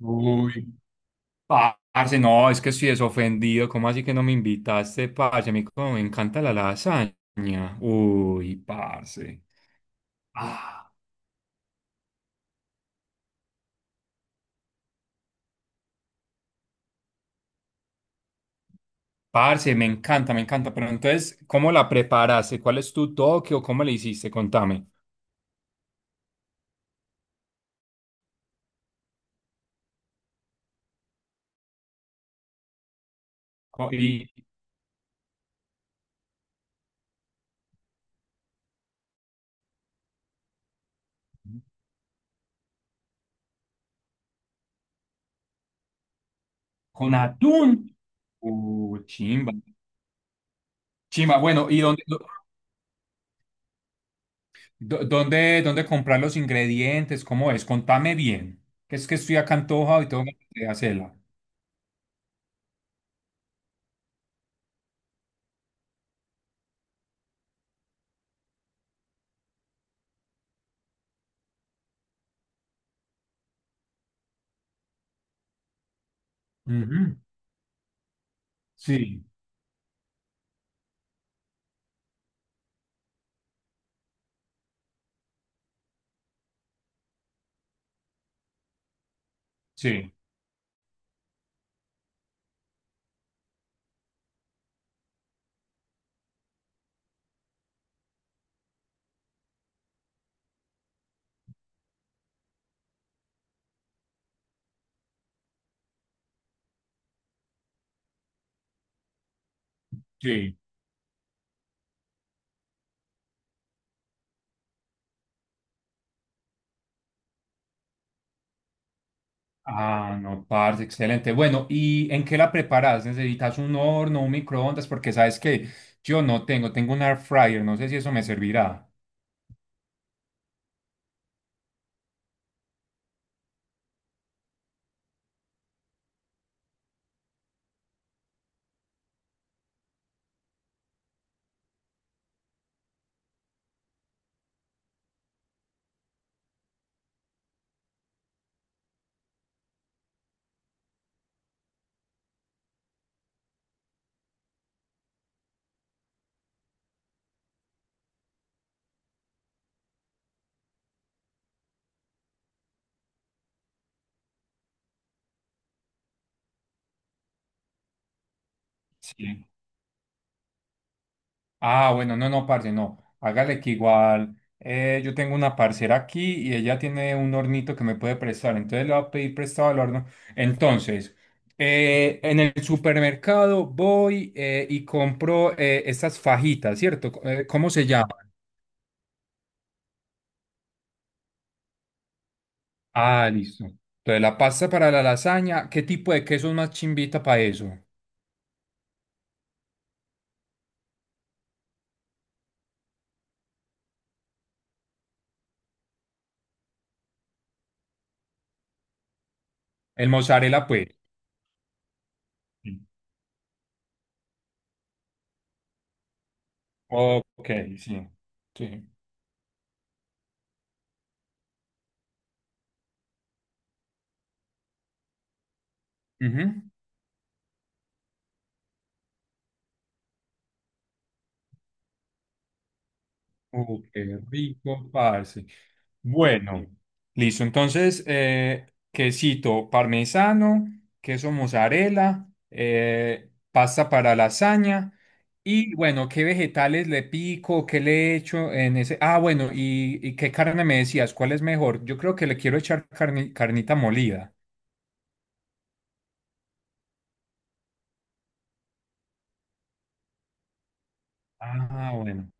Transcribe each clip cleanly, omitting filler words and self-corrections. Uy, parce, no, es que estoy desofendido. ¿Cómo así que no me invitaste, parce? A mí como me encanta la lasaña. Uy, parce. Ah, parce, me encanta, me encanta. Pero entonces, ¿cómo la preparaste? ¿Cuál es tu toque o cómo le hiciste? Contame. Co- y- ¿Con atún? Uy, chimba. Chimba, bueno, ¿y dónde comprar los ingredientes? ¿Cómo es? Contame bien. Que es que estoy acá antojado y tengo que hacerla. Ujú, sí, sí. Sí. Ah, no, parce, excelente. Bueno, ¿y en qué la preparas? ¿Necesitas un horno, un microondas? Porque sabes que yo no tengo, tengo un air fryer, no sé si eso me servirá. Sí. Ah, bueno, no, no, parce, no. Hágale que igual yo tengo una parcera aquí y ella tiene un hornito que me puede prestar, entonces le voy a pedir prestado el horno. Entonces, en el supermercado voy y compro estas fajitas, ¿cierto? ¿Cómo se llama? Ah, listo. Entonces, la pasta para la lasaña, ¿qué tipo de queso es más chimbita para eso? El mozzarella, pues. Sí. Ok, sí. Sí. Ujú. Qué rico, parce. Bueno, listo. Entonces, quesito parmesano, queso mozzarella, pasta para lasaña. Y bueno, ¿qué vegetales le pico? ¿Qué le echo en ese? Ah, bueno, ¿y qué carne me decías? ¿Cuál es mejor? Yo creo que le quiero echar carnita molida. Ah, bueno.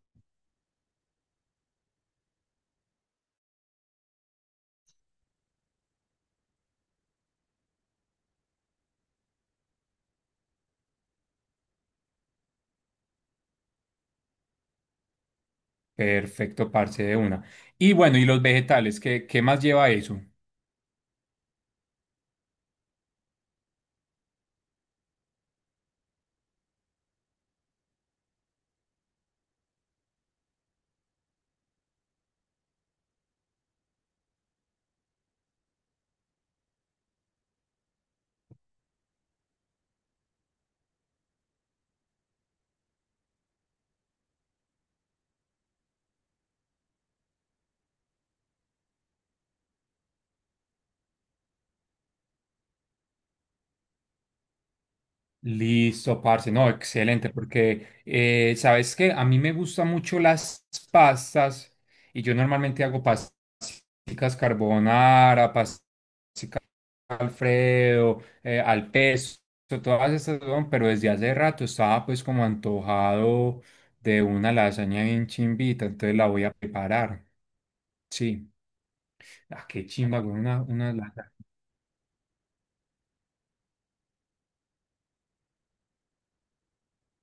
Perfecto, parce, de una. Y bueno, ¿y los vegetales? ¿Qué más lleva eso? Listo, parce. No, excelente, porque sabes que a mí me gustan mucho las pastas y yo normalmente hago pastas carbonara, pastas Alfredo, al pesto, todas estas, weón, pero desde hace rato estaba pues como antojado de una lasaña bien chimbita, entonces la voy a preparar. Sí. Ah, qué chimba, con una lasaña.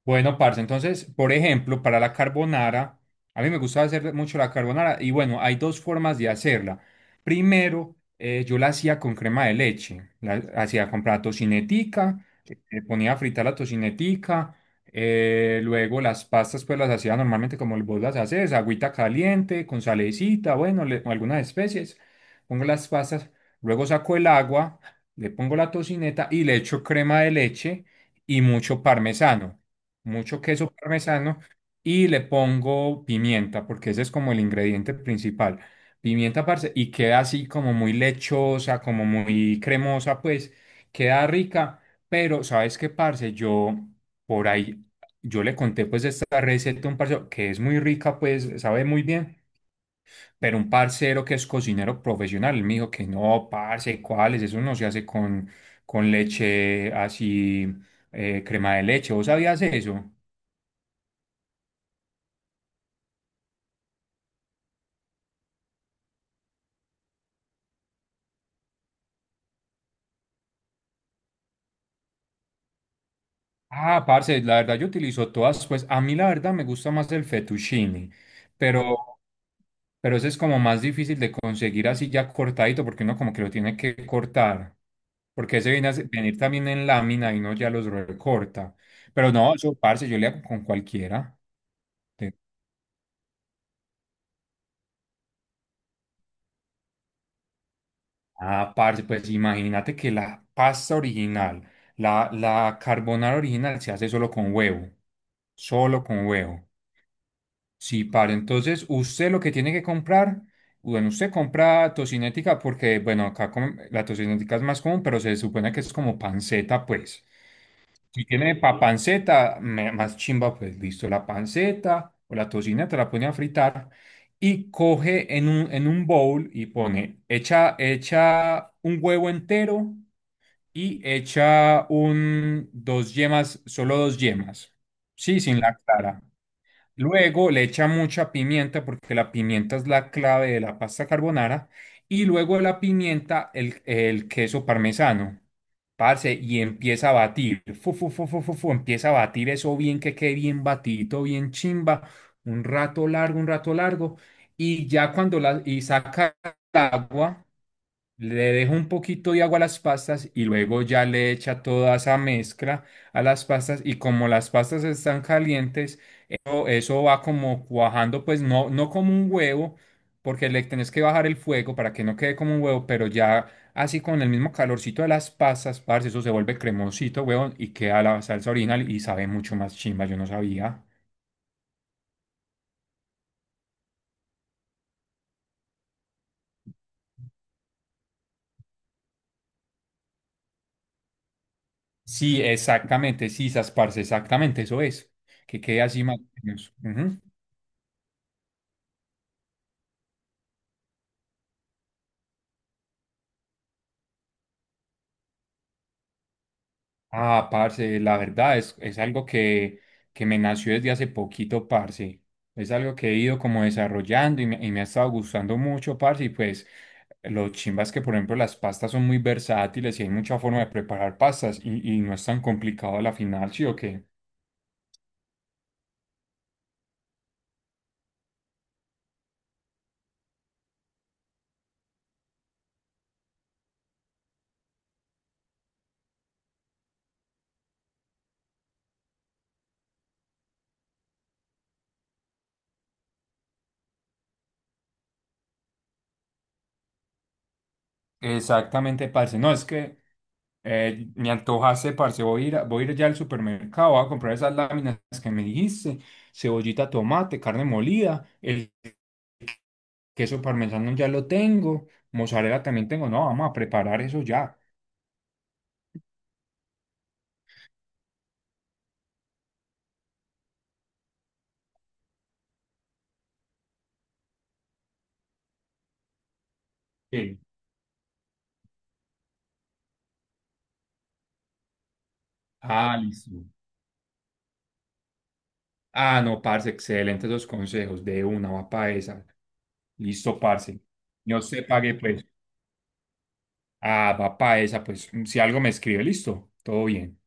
Bueno, parce, entonces, por ejemplo, para la carbonara, a mí me gusta hacer mucho la carbonara y bueno, hay dos formas de hacerla. Primero, yo la hacía con crema de leche, la hacía comprar tocinetica, ponía a fritar la tocinetica, luego las pastas pues las hacía normalmente como vos las haces, agüita caliente, con salecita, bueno, o algunas especies, pongo las pastas, luego saco el agua, le pongo la tocineta y le echo crema de leche y mucho parmesano, mucho queso parmesano y le pongo pimienta, porque ese es como el ingrediente principal. Pimienta, parce, y queda así como muy lechosa, como muy cremosa, pues queda rica, pero ¿sabes qué, parce? Yo por ahí, yo le conté pues esta receta a un parcero que es muy rica, pues sabe muy bien. Pero un parcero que es cocinero profesional, él me dijo que no, parce, ¿cuáles? Eso no se hace con leche así, crema de leche. ¿Vos sabías eso? Ah, parce, la verdad yo utilizo todas, pues a mí la verdad me gusta más el fettuccine, pero, pero ese es como más difícil de conseguir así ya cortadito, porque uno como que lo tiene que cortar, porque ese viene venir también en lámina y uno ya los recorta. Pero no, eso, parce, yo le hago con cualquiera. Te- Ah, parce, pues imagínate que la pasta original, la carbonara original se hace solo con huevo, solo con huevo. Sí, para entonces usted lo que tiene que comprar, bueno, usted compra tocinética porque, bueno, acá la tocinética es más común, pero se supone que es como panceta, pues. Si tiene pa sí, panceta, más chimba, pues listo, la panceta o la tocineta la pone a fritar y coge en un bowl y pone, echa, echa un huevo entero y echa un, dos yemas, solo dos yemas, sí, sin la clara. Luego le echa mucha pimienta porque la pimienta es la clave de la pasta carbonara. Y luego de la pimienta, el queso parmesano. Parce, y empieza a batir. Fu, fu, fu, fu, fu, fu, empieza a batir eso bien que quede bien batidito, bien chimba. Un rato largo, un rato largo. Y ya cuando la, y saca el agua, le dejo un poquito de agua a las pastas y luego ya le echa toda esa mezcla a las pastas y como las pastas están calientes, eso va como cuajando, pues no, no como un huevo, porque le tenés que bajar el fuego para que no quede como un huevo, pero ya así con el mismo calorcito de las pastas, parce, eso se vuelve cremosito, huevón, y queda la salsa original y sabe mucho más chimba, yo no sabía. Sí, exactamente, sí, sas, parce, exactamente, eso es, que quede así más o menos. Ujú. Ah, parce, la verdad es algo que me nació desde hace poquito, parce. Es algo que he ido como desarrollando y me ha estado gustando mucho, parce. Y pues lo chimbas que, por ejemplo, las pastas son muy versátiles y hay mucha forma de preparar pastas y no es tan complicado a la final, ¿sí o qué? Exactamente, parce. No, es que me antojaste, parce. Voy a ir, voy a ir ya al supermercado, voy a comprar esas láminas que me dijiste, cebollita, tomate, carne molida, el queso parmesano ya lo tengo, mozzarella también tengo. No, vamos a preparar eso ya. Sí. Ah, listo. Ah, no, parce, excelentes los consejos. De una, va pa' esa. Listo, parce. Yo se pague, pues. Ah, va pa' esa, pues. Si algo me escribe, listo. Todo bien.